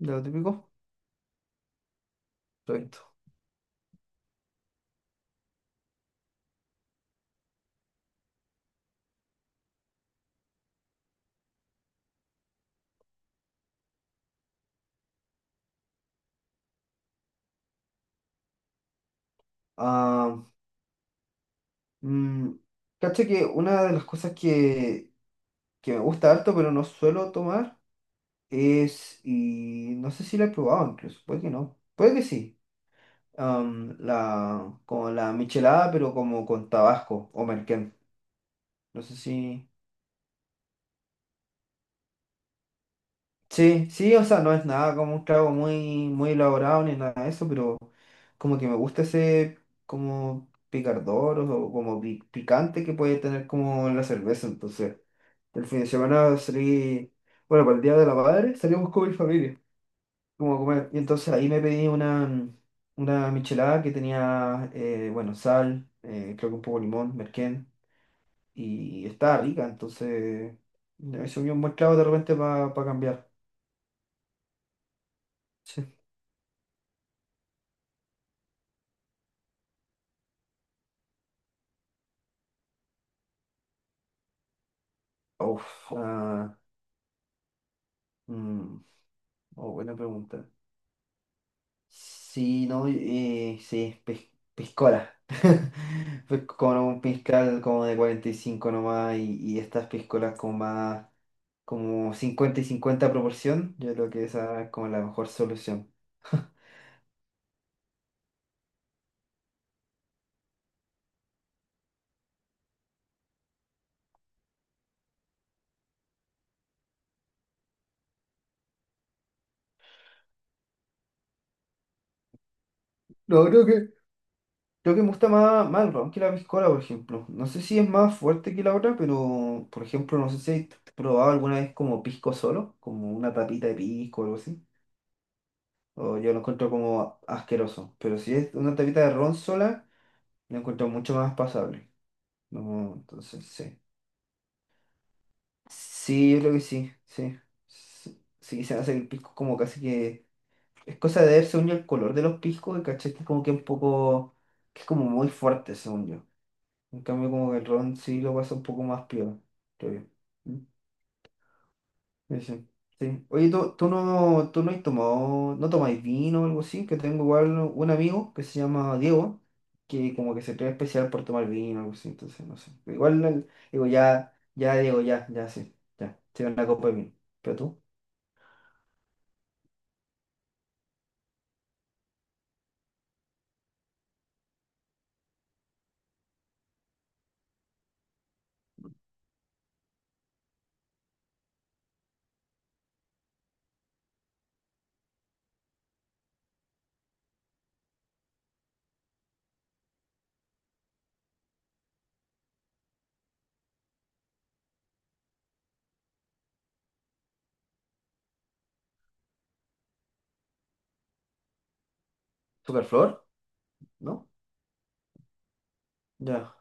De lo típico. Perfecto. Ah, mm, cacha que una de las cosas que me gusta harto, pero no suelo tomar, es, y no sé si la he probado incluso, puede que no, puede que sí, como la michelada, pero como con Tabasco o merquén. No sé si... Sí, sí, o sea, no es nada como un trago muy, muy elaborado ni nada de eso, pero como que me gusta ese como picardor o como picante que puede tener como la cerveza. Entonces, el fin de semana salí, bueno, para el Día de la Madre salimos con mi familia, como a comer. Y entonces ahí me pedí una michelada que tenía, bueno, sal, creo que un poco de limón, merquén, y estaba rica, entonces me se unió un buen trago de repente para cambiar. Sí. Uf, ah, mm, oh, buena pregunta. Sí, no, sí, piscola. Fue con un piscal como de 45 nomás y estas piscolas como más, como 50 y cincuenta proporción, yo creo que esa es como la mejor solución. No, creo que me gusta más, más el ron que la piscola, por ejemplo. No sé si es más fuerte que la otra, pero por ejemplo, no sé si has probado alguna vez como pisco solo, como una tapita de pisco o algo así. O yo lo encuentro como asqueroso. Pero si es una tapita de ron sola, lo encuentro mucho más pasable. No, entonces, sí. Sí, yo creo que sí, sí. Sí, sí, se hace el pisco como casi que... Es cosa de ver, según yo, el color de los piscos, el caché como que un poco... que es como muy fuerte, según yo. En cambio, como que el ron sí lo pasa un poco más piola, creo yo. Sí, sí, sí. Oye, ¿tú no has tomado, no tomáis vino o algo así? Que tengo igual un amigo que se llama Diego, que como que se cree especial por tomar vino o algo así, entonces no sé. Igual, digo, ya, ya, Diego, ya, ya, sí, ya, sí, una copa de vino. ¿Pero tú? Flor. ¿No? Ya.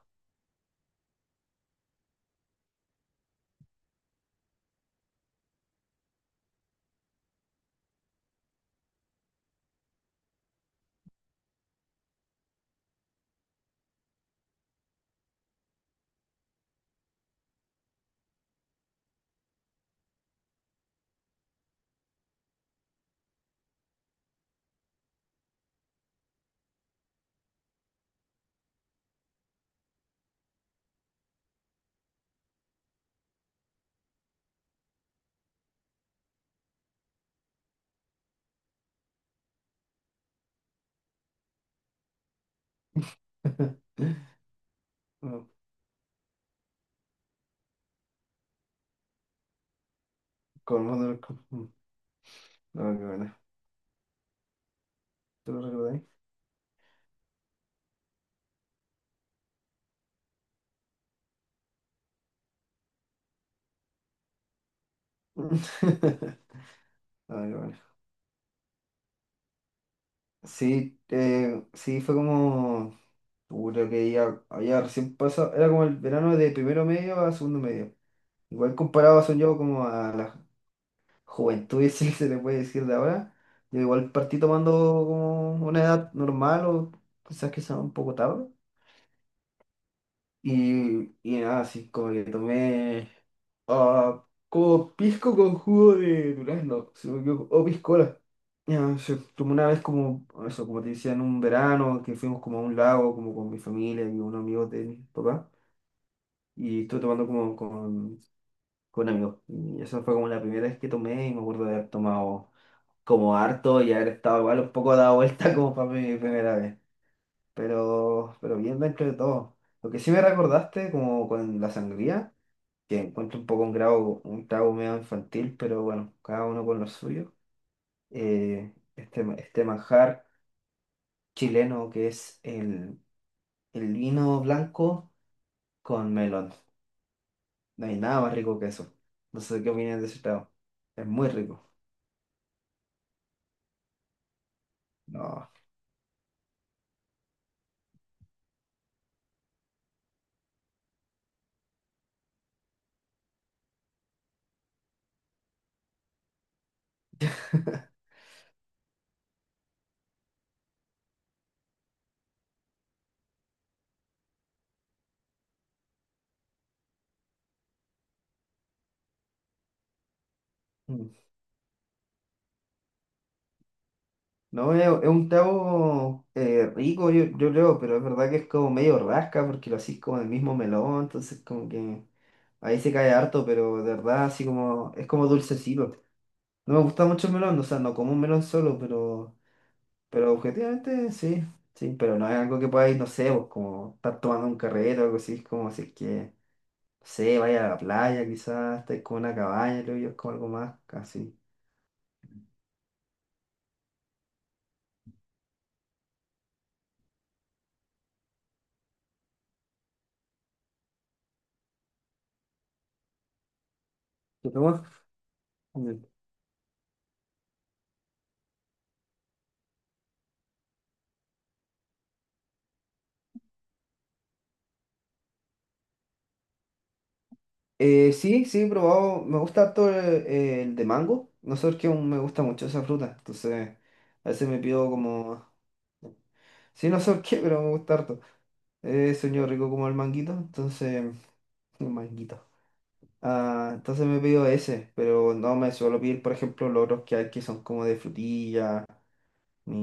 No, Con otro- con- mm, no, qué buena. ¿Tú lo recordáis? No, qué buena. Sí, sí, fue como. Puta que ya había recién pasado, era como el verano de primero medio a segundo medio. Igual comparado, son yo, como a la juventud, si se le puede decir de ahora, yo igual partí tomando como una edad normal o quizás que sea un poco tarde. Y nada, así como que tomé como pisco con jugo de durazno, si no me equivoco, o piscola. Ya, se tomó una vez como, eso, como te decía, en un verano que fuimos como a un lago, como con mi familia y unos amigos de mi papá. Y estuve tomando como con amigos. Y esa fue como la primera vez que tomé y me acuerdo de haber tomado como harto y haber estado igual un poco dado vuelta como para mi primera vez. Pero bien dentro de todo. Lo que sí me recordaste como con la sangría, que encuentro un poco un grado, un trago medio infantil, pero bueno, cada uno con lo suyo. Este este manjar chileno que es el vino blanco con melón. No hay nada más rico que eso. No sé qué opinas de ese trago. Es muy rico. No. Mm. No, es un trago rico, yo creo, pero es verdad que es como medio rasca porque lo hacís como el mismo melón, entonces como que ahí se cae harto, pero de verdad así como es como dulcecito. No me gusta mucho el melón, o sea, no como un melón solo, pero, objetivamente sí, sí, pero no es algo que podáis, no sé, vos como estar tomando un carrete o algo así, es como si es que sé, vaya a la playa, quizás estáis con una cabaña, creo yo, es como algo más casi. ¿Te tomas? Mm. Sí, sí, he probado. Me gusta harto el de mango. No sé por qué aún me gusta mucho esa fruta. Entonces, a veces me pido como. Sí, no sé por qué, pero me gusta harto. Sueño rico como el manguito. Entonces, un manguito. Ah, entonces me pido ese, pero no me suelo pedir, por ejemplo, los otros que hay que son como de frutilla ni,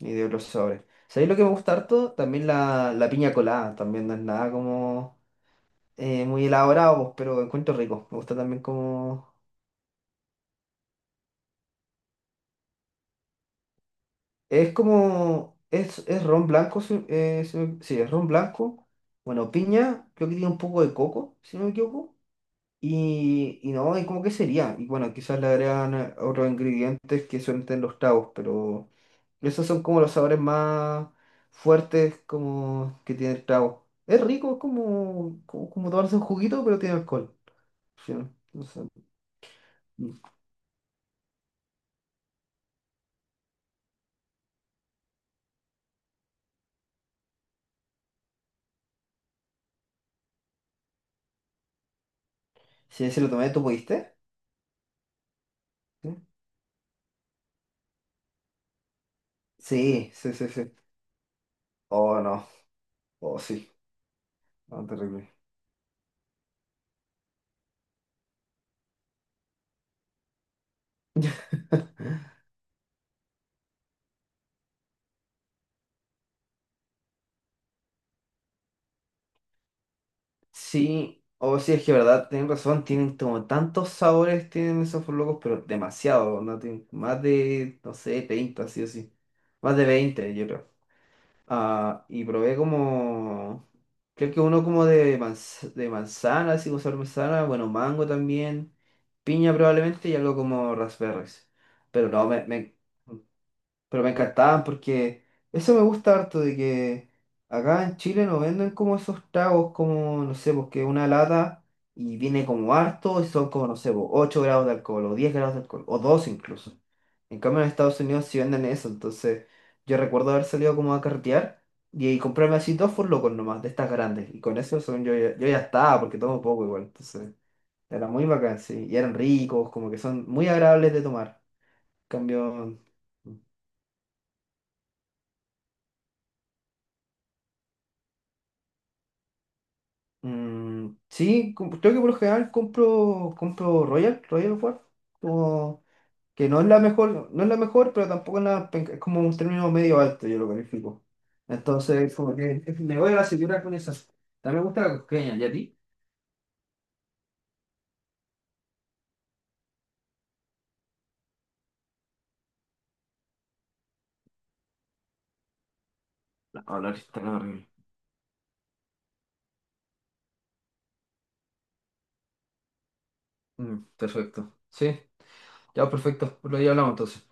ni de otros sobres. ¿Sabéis lo que me gusta harto? También la piña colada, también no es nada como muy elaborado, pues, pero encuentro rico. Me gusta también como... Es como... Es ron blanco, sí, es ron blanco. Bueno, piña, creo que tiene un poco de coco, si no me equivoco. Y no, y como que sería. Y bueno, quizás le agregan otros ingredientes que suelen tener los tragos, pero... Esos son como los sabores más fuertes como que tiene el trago. Es rico, es como, tomarse un juguito, pero tiene alcohol. Sí, no sé. Sí, sí, lo tomé, ¿tú pudiste? Sí, sí, sí, sí, sí. Oh, no. Oh, sí. Oh, terrible. Sí, o sí, es que verdad, tienen razón, tienen como tantos sabores, tienen esos locos, pero demasiado, ¿no? Tienen más de, no sé, 30, sí o sí. Más de 20 yo creo. Ah, y probé como, creo que uno como de, de manzana, así como sabor manzana, bueno, mango también, piña probablemente y algo como raspberries. Pero no, me pero me encantaban porque eso me gusta harto de que acá en Chile no venden como esos tragos como, no sé, porque una lata y viene como harto y son como, no sé, po, 8 grados de alcohol o 10 grados de alcohol o 2 incluso. En cambio en Estados Unidos sí venden eso, entonces yo recuerdo haber salido como a carretear y comprarme así dos locos nomás, de estas grandes. Y con eso según yo, yo ya estaba porque tomo poco igual, entonces era muy bacán, sí. Y eran ricos, como que son muy agradables de tomar. En cambio... sí, creo que por lo general compro Royal, Royal War, como que no es la mejor, no es la mejor, pero tampoco es, es como un término medio alto, yo lo califico. Entonces, como que me voy a la segura con esas. También me gusta la cosqueña, ¿y a ti? Oh, la lista, la horrible. Perfecto. Sí, ya perfecto, lo ya hablamos entonces.